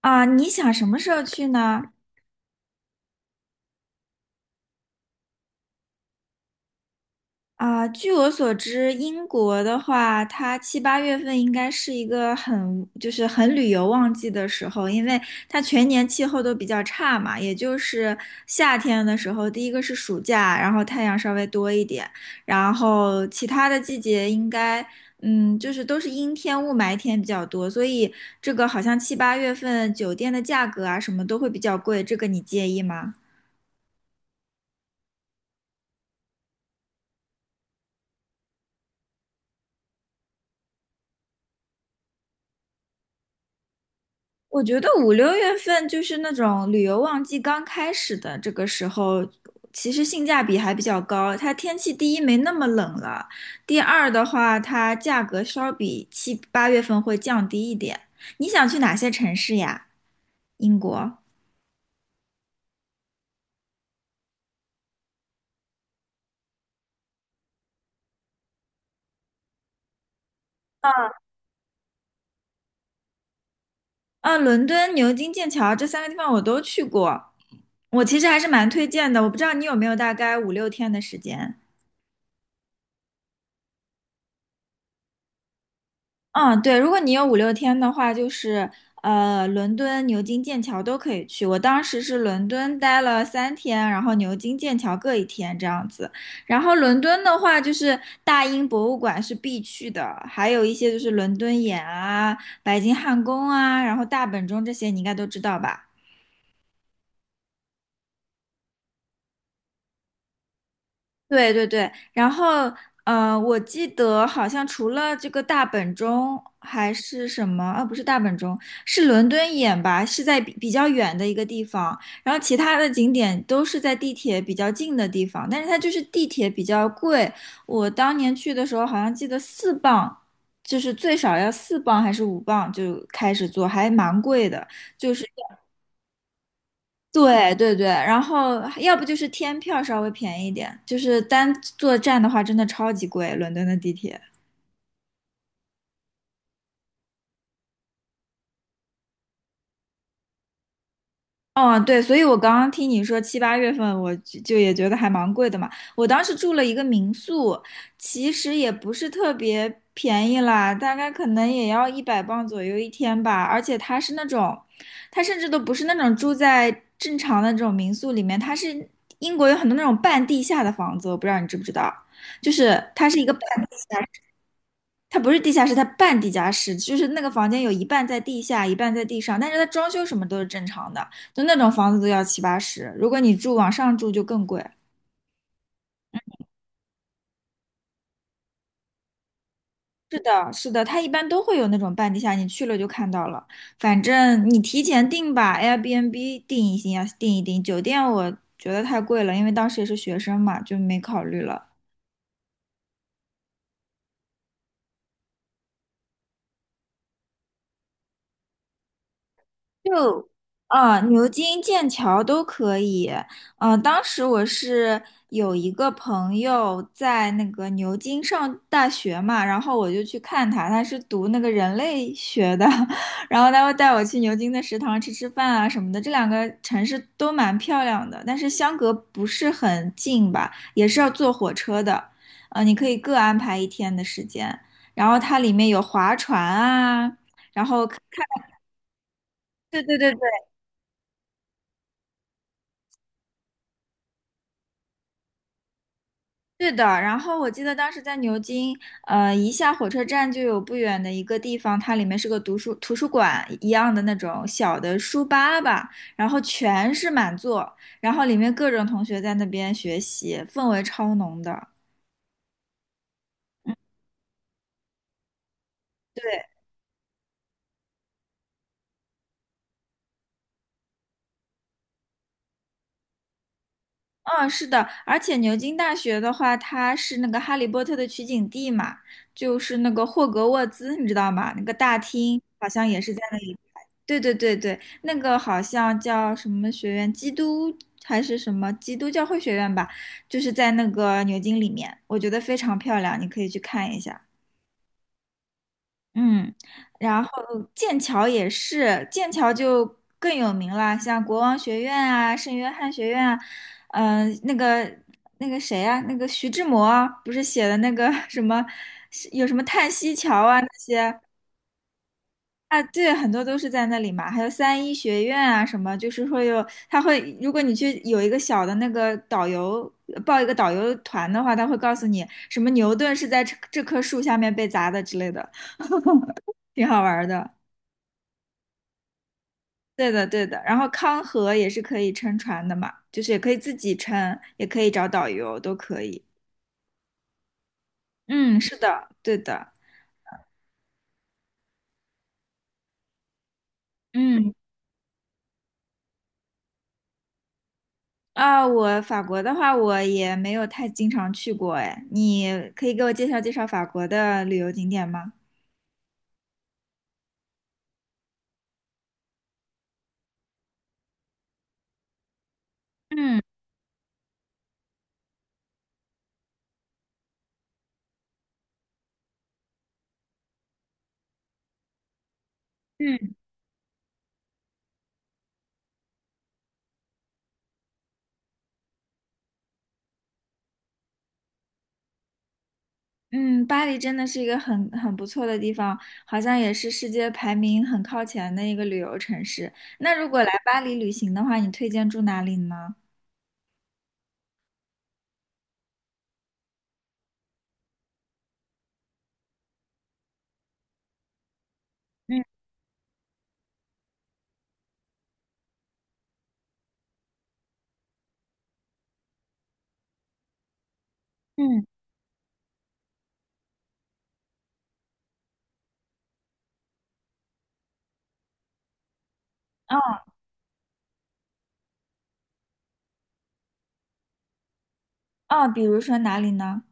啊，你想什么时候去呢？啊，据我所知，英国的话，它七八月份应该是一个就是很旅游旺季的时候，因为它全年气候都比较差嘛，也就是夏天的时候，第一个是暑假，然后太阳稍微多一点，然后其他的季节应该，就是都是阴天、雾霾天比较多，所以这个好像七八月份酒店的价格啊什么都会比较贵，这个你介意吗？我觉得五六月份就是那种旅游旺季刚开始的这个时候，其实性价比还比较高。它天气第一没那么冷了，第二的话，它价格稍比七八月份会降低一点。你想去哪些城市呀？英国？啊，伦敦、牛津、剑桥这三个地方我都去过，我其实还是蛮推荐的。我不知道你有没有大概五六天的时间。嗯，对，如果你有五六天的话，就是伦敦、牛津、剑桥都可以去。我当时是伦敦待了3天，然后牛津、剑桥各一天这样子。然后伦敦的话，就是大英博物馆是必去的，还有一些就是伦敦眼啊、白金汉宫啊，然后大本钟这些你应该都知道吧。对对对，然后我记得好像除了这个大本钟还是什么啊？不是大本钟，是伦敦眼吧？是在比较远的一个地方，然后其他的景点都是在地铁比较近的地方，但是它就是地铁比较贵。我当年去的时候好像记得四磅，就是最少要四磅还是5磅就开始坐，还蛮贵的。对对对，然后要不就是天票稍微便宜一点，就是单坐站的话真的超级贵，伦敦的地铁。哦，对，所以我刚刚听你说七八月份，我就也觉得还蛮贵的嘛。我当时住了一个民宿，其实也不是特别便宜啦，大概可能也要100磅左右一天吧。而且它是那种，它甚至都不是那种住在正常的这种民宿里面，它是英国有很多那种半地下的房子，我不知道你知不知道，就是它是一个半它不是地下室，它半地下室，就是那个房间有一半在地下，一半在地上，但是它装修什么都是正常的，就那种房子都要七八十，如果你住往上住就更贵。是的，是的，它一般都会有那种半地下，你去了就看到了。反正你提前订吧，Airbnb 订一定要订一订。酒店我觉得太贵了，因为当时也是学生嘛，就没考虑了。就啊，牛津、剑桥都可以。嗯，当时我是有一个朋友在那个牛津上大学嘛，然后我就去看他，他是读那个人类学的，然后他会带我去牛津的食堂吃吃饭啊什么的。这两个城市都蛮漂亮的，但是相隔不是很近吧，也是要坐火车的。你可以各安排一天的时间，然后它里面有划船啊。然后看，对对对对，对的，然后我记得当时在牛津，一下火车站就有不远的一个地方，它里面是个读书图书馆一样的那种小的书吧，然后全是满座，然后里面各种同学在那边学习，氛围超浓的。对，嗯，是的，而且牛津大学的话，它是那个《哈利波特》的取景地嘛，就是那个霍格沃兹，你知道吗？那个大厅好像也是在那里拍。对对对对，那个好像叫什么学院，基督还是什么基督教会学院吧，就是在那个牛津里面，我觉得非常漂亮，你可以去看一下。嗯，然后剑桥也是，剑桥就更有名了，像国王学院啊、圣约翰学院啊，嗯、那个那个谁啊，那个徐志摩啊不是写的那个 什么，是有什么叹息桥啊，啊，对，很多都是在那里嘛，还有三一学院啊什么，就是会有，他会，如果你去有一个小的那个导游，报一个导游团的话，他会告诉你什么牛顿是在这棵树下面被砸的之类的，挺好玩儿的。对的，对的。然后康河也是可以撑船的嘛，就是也可以自己撑，也可以找导游，都可以。嗯，是的，对的。嗯，啊，我法国的话，我也没有太经常去过，哎，你可以给我介绍介绍法国的旅游景点吗？嗯嗯嗯，巴黎真的是一个很不错的地方，好像也是世界排名很靠前的一个旅游城市。那如果来巴黎旅行的话，你推荐住哪里呢？嗯嗯，哦哦，比如说哪里呢？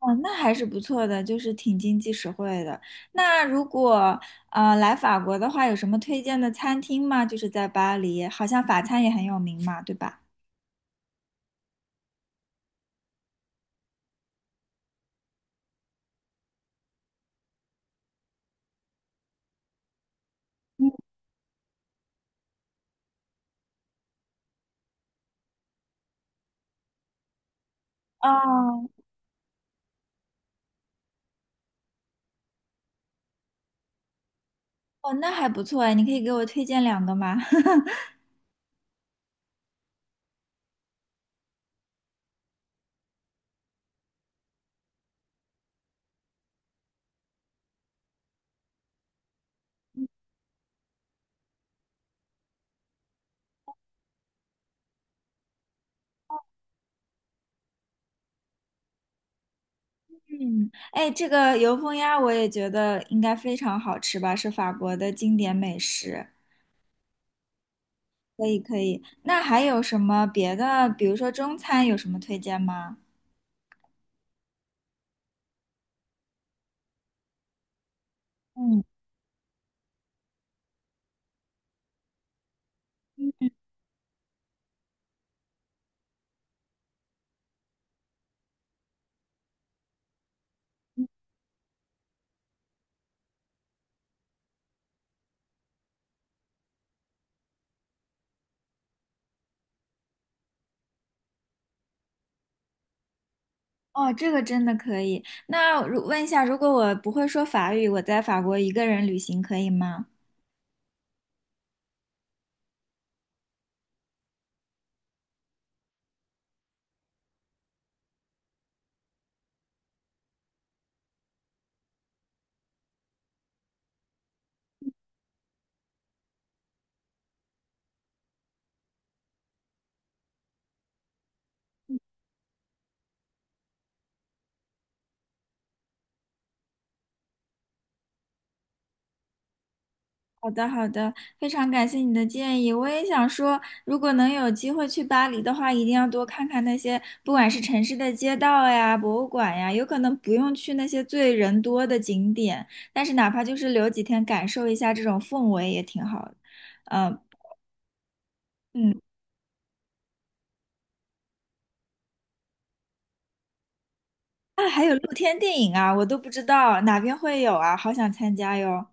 哦，那还是不错的，就是挺经济实惠的。那如果来法国的话，有什么推荐的餐厅吗？就是在巴黎，好像法餐也很有名嘛，对吧？哦，哦，那还不错哎，你可以给我推荐两个吗？嗯，哎，这个油封鸭我也觉得应该非常好吃吧，是法国的经典美食。可以可以，那还有什么别的？比如说中餐有什么推荐吗？嗯。哦，这个真的可以。那问一下，如果我不会说法语，我在法国一个人旅行可以吗？好的，好的，非常感谢你的建议。我也想说，如果能有机会去巴黎的话，一定要多看看那些，不管是城市的街道呀、博物馆呀，有可能不用去那些最人多的景点，但是哪怕就是留几天感受一下这种氛围也挺好的。嗯、嗯，啊，还有露天电影啊，我都不知道哪边会有啊，好想参加哟。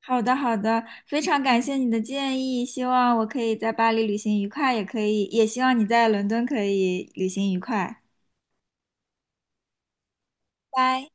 好的，好的，非常感谢你的建议，希望我可以在巴黎旅行愉快，也可以，也希望你在伦敦可以旅行愉快。拜。